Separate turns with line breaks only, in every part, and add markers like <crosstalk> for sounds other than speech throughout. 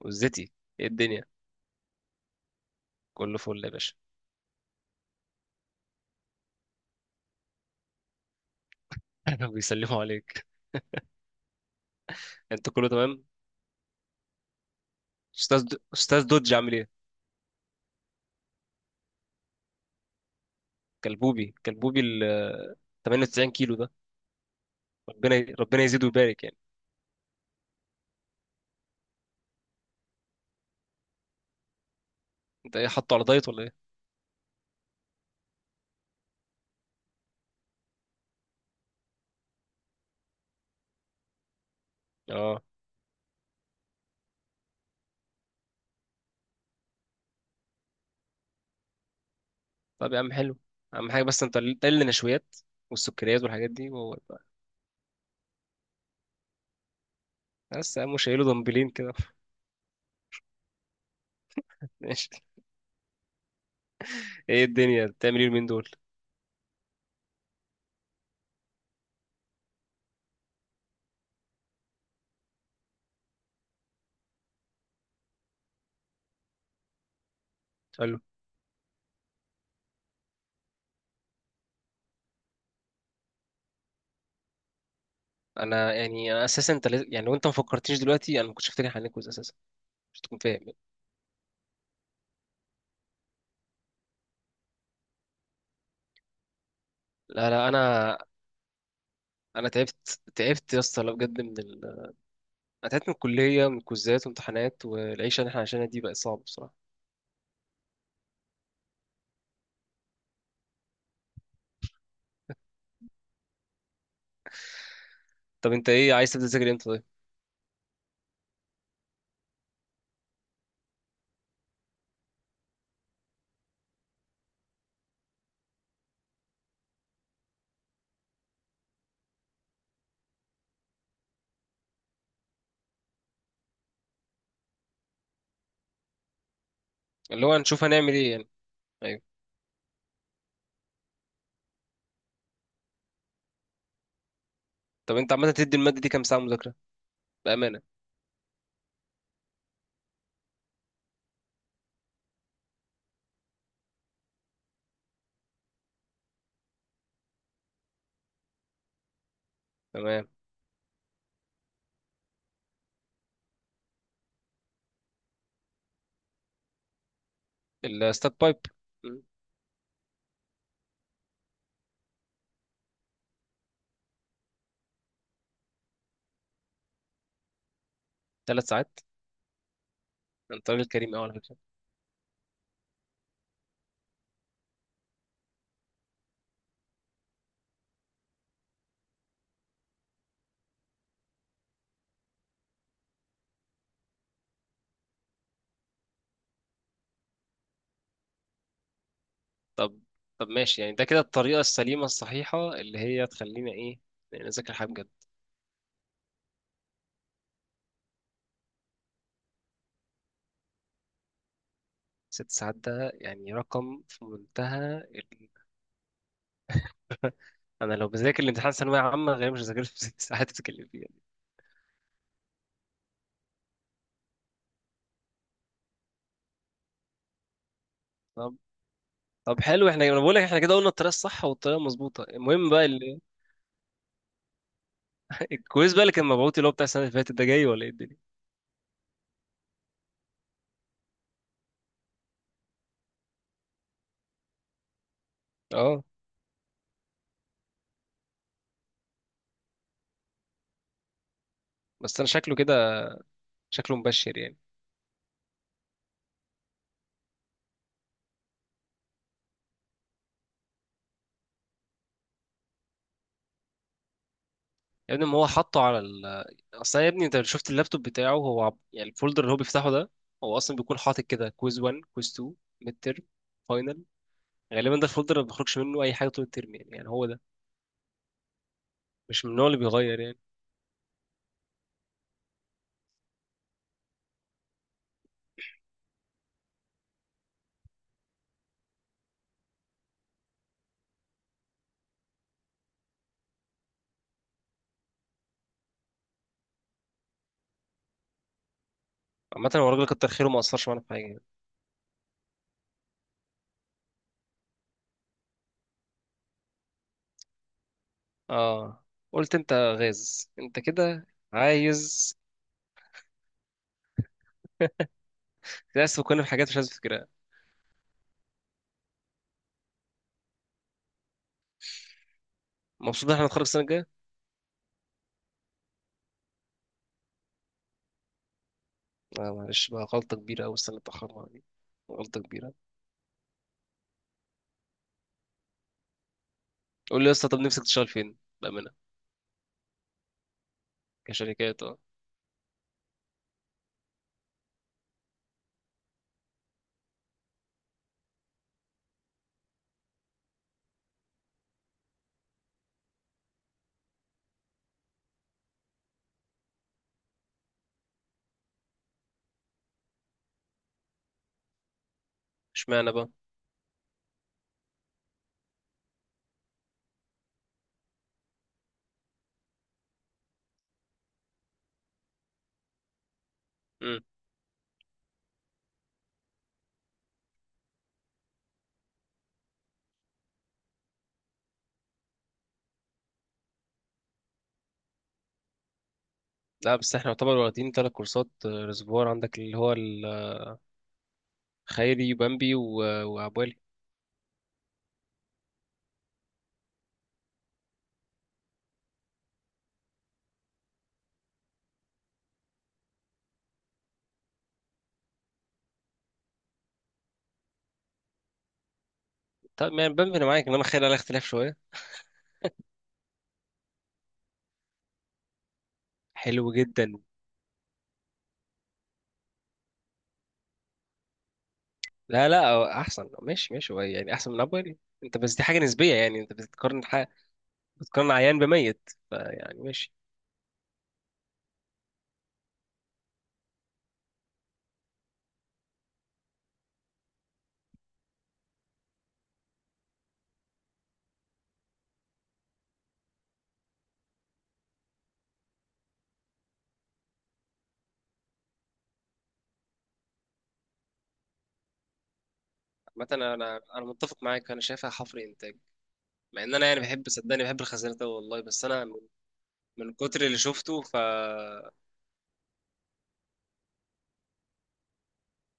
وزتي، ايه الدنيا؟ كله فل يا باشا. <laughs> بيسلموا عليك. انت كله تمام؟ استاذ دودج عامل ايه؟ كلبوبي كلبوبي <laughs> 98 كيلو ده. ربنا يزيده ويبارك يعني. انت ايه حاطه على دايت ولا ايه؟ اه. طب يا عم حلو. اهم حاجه، بس انت قل قل نشويات والسكريات والحاجات دي، وهو بس يا عم شايله دمبلين كده. <laughs> ماشي. ايه الدنيا بتعمل ايه اليومين دول؟ حلو. انا اساسا انت يعني لو انت ما فكرتنيش دلوقتي انا ما كنتش افتكر هنتجوز اساسا، مش تكون فاهم يعني. لا، لا، انا، انا تعبت تعبت يا اسطى، لا بجد انا تعبت من الكليه، من الكوزات وامتحانات، والعيشه اللي احنا عايشينها دي بقت صعبه بصراحه. طب انت ايه عايز تبدا تذاكر امتى طيب؟ اللي هو هنشوف هنعمل ايه يعني؟ ايوه. طب انت عامه تدي الماده دي كام ساعه مذاكره بامانه؟ تمام. الستات بايب. 3 ساعات. انت راجل كريم قوي على فكره. طب، طب ماشي يعني، ده كده الطريقه السليمه الصحيحه اللي هي تخلينا ايه؟ يعني نذاكر حاجه بجد. 6 ساعات ده يعني رقم في منتهى. <laughs> انا لو بذاكر الامتحان ثانويه عامه غالبا مش هذاكر في 6 ساعات <laughs> بتتكلم فيها. طب، طب حلو احنا، انا بقول لك احنا كده قلنا الطريقه الصح والطريقه المظبوطه، المهم بقى <laughs> الكويز بقى اللي كان مبعوت اللي هو بتاع السنه اللي فاتت ده جاي ولا ايه الدنيا؟ اه. بس انا شكله كده، شكله مبشر يعني. يا ابني ما هو حطه على اصل يا ابني انت لو شفت اللابتوب بتاعه هو يعني الفولدر اللي هو بيفتحه ده، هو اصلا بيكون حاطط كده كويز 1، كويز 2، ميد ترم، فاينل. غالبا ده الفولدر اللي ما بيخرجش منه اي حاجه طول الترم، يعني هو ده، مش من النوع اللي بيغير يعني. عامه هو الراجل كتر خيره، ما اثرش معانا في حاجه يعني. اه. قلت انت غاز انت كده؟ عايز. للأسف كنا في حاجات مش عايز أفتكرها. مبسوط إن إحنا هنتخرج السنة الجاية؟ آه معلش بقى، غلطة كبيرة أوي السنة اللي اتأخرنا دي، غلطة كبيرة. قول لي يا اسطى، طب نفسك تشتغل فين؟ بأمانة. كشركات، اه. اشمعنى بقى؟ مم. لا، بس احنا يعتبر واخدين 3 كورسات، ريزرفوار عندك اللي هو الخيري وبامبي وعبالي. طب يعني بامبي انا معاك، انما خيري عليها اختلاف شويه. حلو جدا. لا، لا، هو احسن، ماشي، ماشي، هو يعني احسن من عبالي. انت بس دي حاجه نسبيه يعني، انت بتقارن حاجه، بتقارن عيان بميت، فيعني ماشي. مثلا انا متفق معاك، انا شايفها حفر انتاج، مع ان انا يعني بحب، صدقني بحب الخزانات أوي والله، بس انا من كتر اللي شفته ف،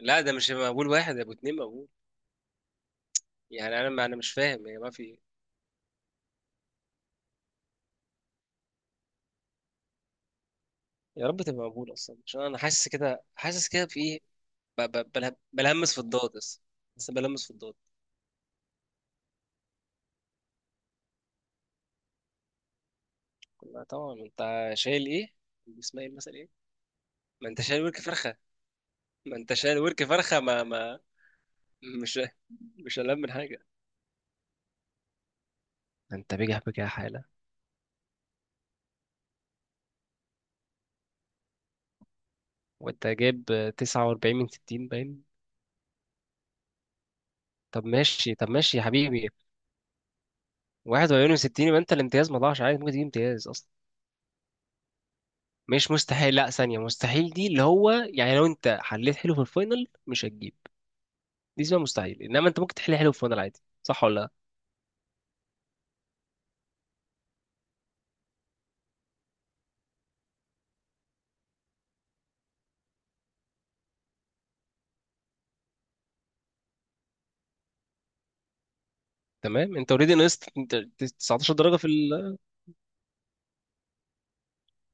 لا ده مش مقبول، واحد يا ابو اتنين مقبول. يعني انا ما انا مش فاهم هي ما في إيه. يا رب تبقى مقبول اصلا، عشان انا حاسس كده، حاسس كده في ايه؟ بلمس في الضاد بس، بس بلمس في الضاد. لا طبعا انت شايل ايه؟ اسمها ايه المثل ايه؟ ما انت شايل ورك فرخه، ما انت شايل ورك فرخه، ما ما مش مش هلم من حاجه. انت بجح بجاحة؟ وانت جايب 49 من 60 باين. طب ماشي، طب ماشي يا حبيبي، 41 من 60 يبقى انت الامتياز ما ضاعش، عادي ممكن تجيب امتياز أصلا. مش مستحيل، لا، ثانية مستحيل دي اللي هو يعني لو انت حليت حلو في الفاينل مش هتجيب، دي اسمها مستحيل، انما انت ممكن تحل حلو في الفاينل عادي، صح ولا لا؟ تمام، انت اوريدي نقصت انت 19 درجة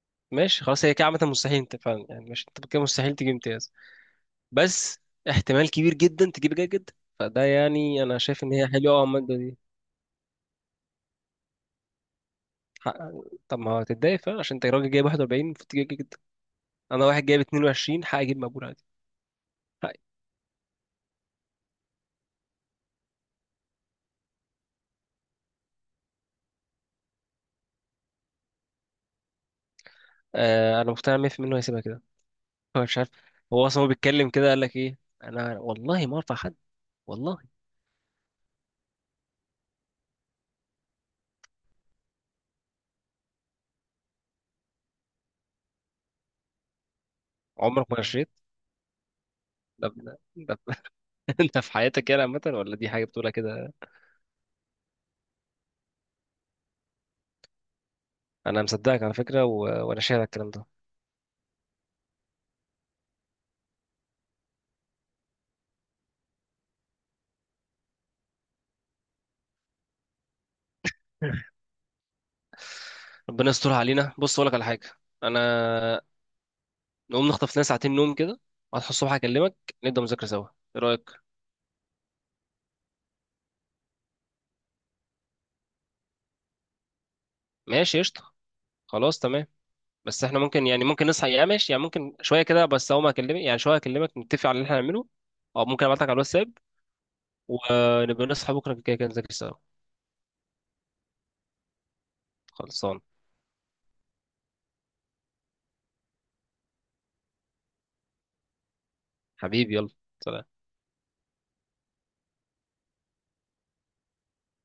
<laughs> ماشي خلاص، هي كده عامة مستحيل، انت فعلا يعني مش، انت كده مستحيل تجيب امتياز، بس احتمال كبير جدا تجيب جيد جدا. فده يعني، انا شايف ان هي حلوه قوي المادة دي. حق. طب ما هو تتضايق فعلا عشان انت راجل جايب 41 المفروض تجيب جدا. انا واحد جايب 22 حق اجيب مقبول عادي، حقي. آه، انا مقتنع 100% انه هيسيبها كده. هو مش عارف. هو اصلا بيتكلم كده، قال لك ايه؟ انا والله ما ارفع حد، والله. عمرك ما رشيت؟ ده. <laughs> انت في حياتك يعني عامة، ولا دي حاجة بتقولها كده؟ انا مصدقك على فكرة وانا شايف الكلام ده. ربنا يسترها علينا. بص اقول لك على حاجة، انا نقوم نخطف لنا ساعتين نوم كده، هتصحى الصبح اكلمك، نبدأ مذاكرة سوا، ايه رأيك؟ ماشي قشطة، خلاص تمام، بس احنا ممكن، ممكن نصحى يا ماشي، يعني ممكن شويه كده، بس اول ما اكلمك يعني شويه اكلمك نتفق على اللي احنا هنعمله، او ممكن ابعتلك على الواتساب، ونبقى نصحى بكره كده كده نذاكر سوا. خلصان. حبيبي يلا، سلام.